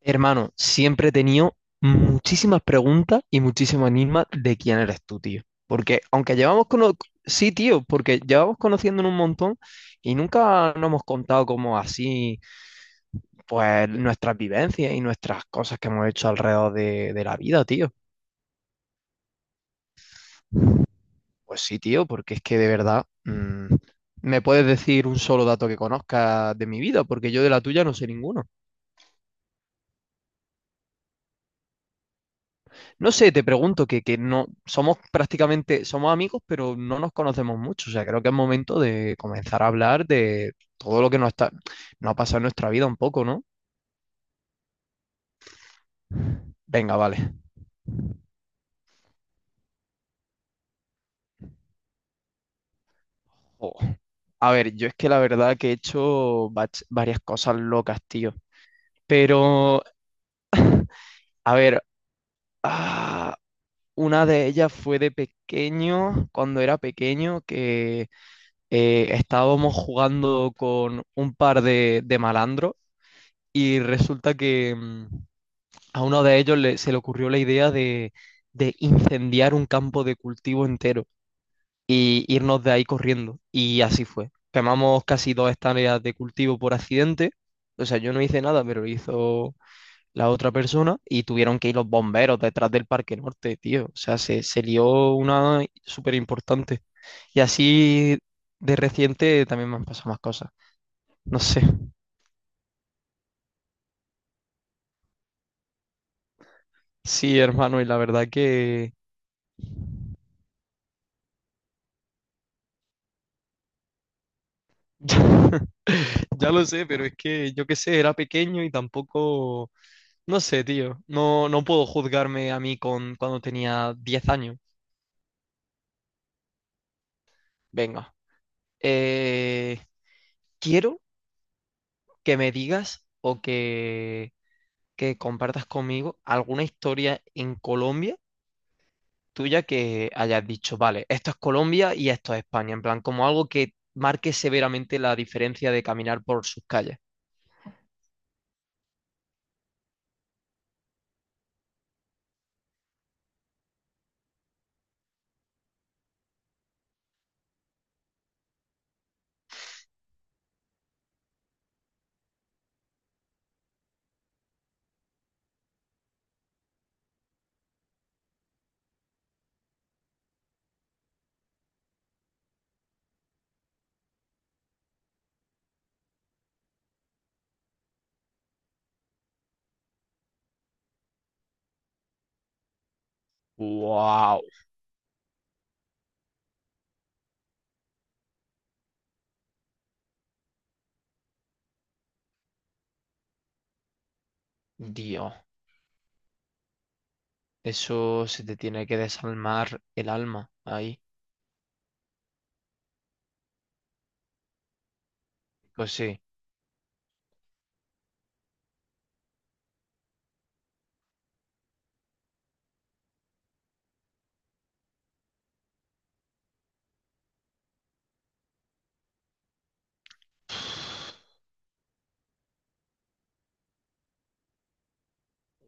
Hermano, siempre he tenido muchísimas preguntas y muchísimo enigmas de quién eres tú, tío. Porque aunque llevamos cono... Sí, tío, porque llevamos conociéndonos un montón y nunca nos hemos contado como así, pues nuestras vivencias y nuestras cosas que hemos hecho alrededor de la vida, tío. Pues sí, tío, porque es que de verdad, me puedes decir un solo dato que conozcas de mi vida, porque yo de la tuya no sé ninguno. No sé, te pregunto que no somos prácticamente, somos amigos, pero no nos conocemos mucho. O sea, creo que es momento de comenzar a hablar de todo lo que nos ha pasado en nuestra vida un poco, ¿no? Venga, vale. Jo, a ver, yo es que la verdad que he hecho varias cosas locas, tío. Pero, a ver, ah, una de ellas fue de pequeño, cuando era pequeño, que estábamos jugando con un par de malandros y resulta que a uno de ellos se le ocurrió la idea de incendiar un campo de cultivo entero y irnos de ahí corriendo. Y así fue. Quemamos casi dos hectáreas de cultivo por accidente. O sea, yo no hice nada, pero lo hizo la otra persona y tuvieron que ir los bomberos detrás del Parque Norte, tío. O sea, se lió una súper importante. Y así de reciente también me han pasado más cosas. No sé. Sí, hermano, y la verdad que ya, lo sé, pero es que yo qué sé, era pequeño y tampoco, no sé, tío, no puedo juzgarme a mí con cuando tenía 10 años. Venga, eh, quiero que me digas o que compartas conmigo alguna historia en Colombia tuya que hayas dicho, vale, esto es Colombia y esto es España, en plan, como algo que marque severamente la diferencia de caminar por sus calles. Wow, dios. Eso se te tiene que desalmar el alma ahí. Pues sí.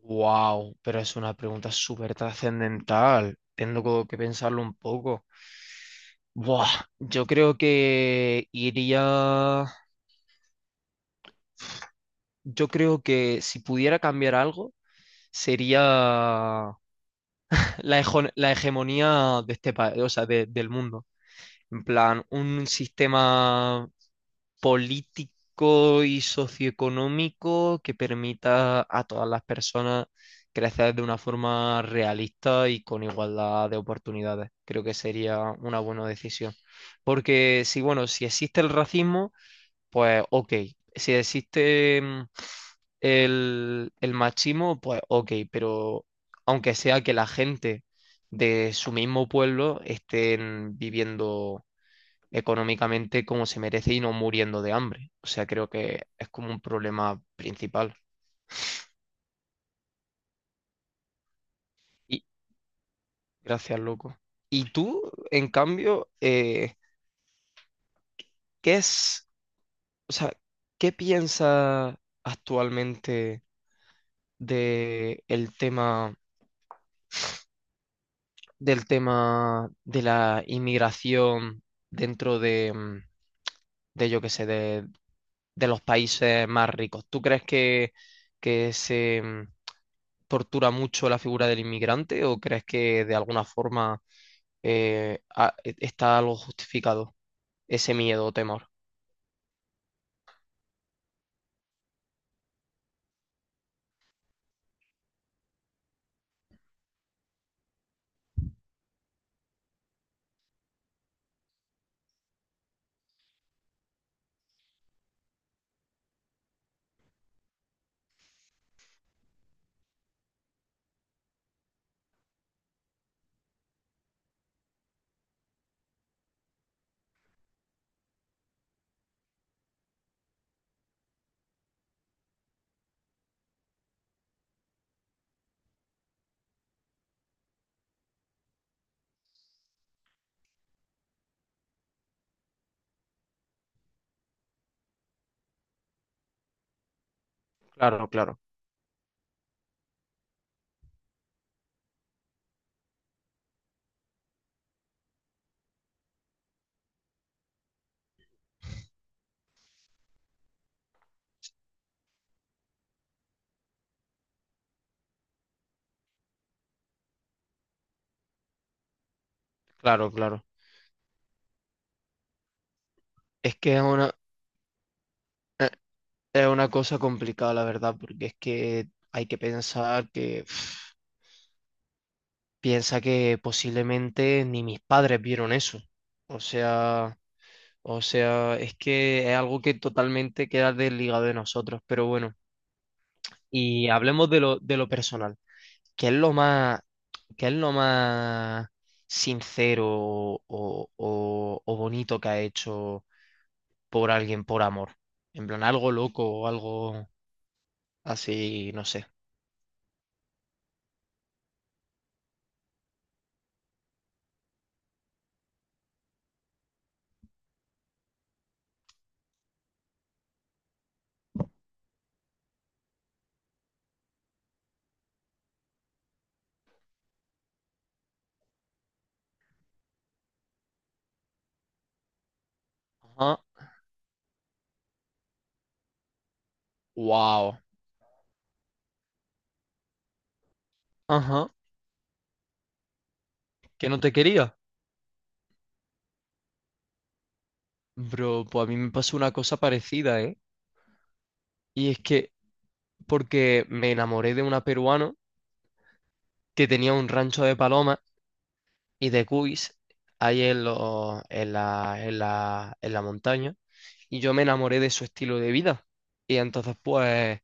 Wow, pero es una pregunta súper trascendental. Tengo como que pensarlo un poco. Buah, yo creo que iría. Yo creo que si pudiera cambiar algo, sería la hegemonía de este país, o sea, del mundo. En plan, un sistema político y socioeconómico que permita a todas las personas crecer de una forma realista y con igualdad de oportunidades. Creo que sería una buena decisión. Porque si, bueno, si existe el racismo, pues ok. Si existe el machismo, pues ok, pero aunque sea que la gente de su mismo pueblo estén viviendo económicamente como se merece y no muriendo de hambre. O sea, creo que es como un problema principal. Y gracias, loco. Y tú, en cambio, ¿qué es, o sea, qué piensas actualmente de del tema de la inmigración dentro de, de yo qué sé, de los países más ricos? ¿Tú crees que se, tortura mucho la figura del inmigrante o crees que de alguna forma está algo justificado ese miedo o temor? Claro, claro, claro, claro. Es que es una cosa complicada, la verdad, porque es que hay que pensar que pf, piensa que posiblemente ni mis padres vieron eso. O sea, o sea, es que es algo que totalmente queda desligado de nosotros, pero bueno. Y hablemos de lo personal. ¿Qué es lo más, qué es lo más sincero o bonito que ha hecho por alguien por amor? En plan, algo loco o algo así, no sé. Ajá. Wow. Ajá. ¿Que no te quería? Bro, pues a mí me pasó una cosa parecida, ¿eh? Y es que porque me enamoré de una peruana que tenía un rancho de palomas y de cuis ahí en en la montaña. Y yo me enamoré de su estilo de vida. Y entonces pues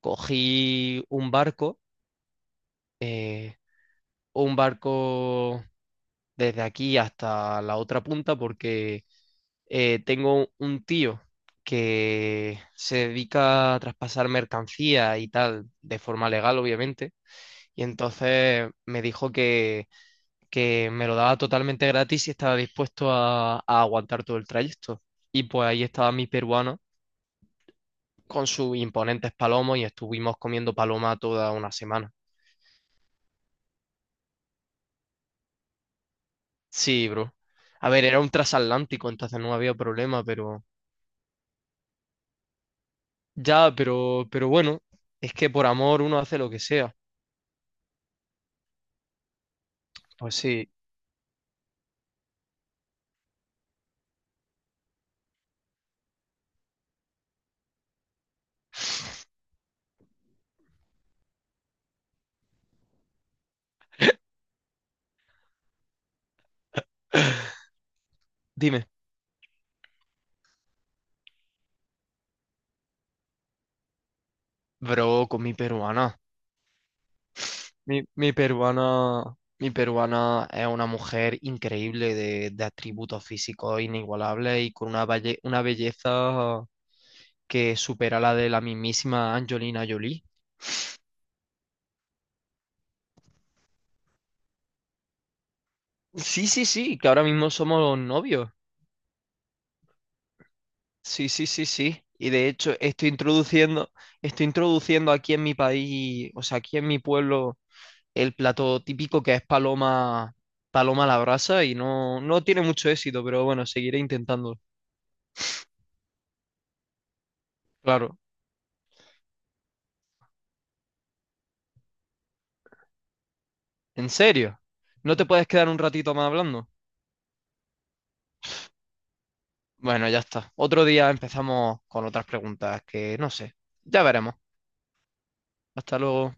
cogí un barco, eh, un barco desde aquí hasta la otra punta porque tengo un tío que se dedica a traspasar mercancía y tal, de forma legal, obviamente. Y entonces me dijo que me lo daba totalmente gratis y estaba dispuesto a aguantar todo el trayecto. Y pues ahí estaba mi peruano con sus imponentes palomos y estuvimos comiendo paloma toda una semana. Sí, bro. A ver, era un transatlántico, entonces no había problema, pero... Ya, pero bueno, es que por amor uno hace lo que sea. Pues sí. Dime, bro, con mi peruana. Mi mi peruana es una mujer increíble de atributos físicos inigualables y con una, una belleza que supera la de la mismísima Angelina Jolie. Sí, sí, sí, que ahora mismo somos novios. Sí, sí, sí, sí. Y de hecho estoy introduciendo aquí en mi país, o sea, aquí en mi pueblo, el plato típico que es paloma, paloma a la brasa y no, no tiene mucho éxito, pero bueno, seguiré intentando. Claro. ¿En serio? ¿No te puedes quedar un ratito más hablando? Bueno, ya está. Otro día empezamos con otras preguntas que no sé. Ya veremos. Hasta luego.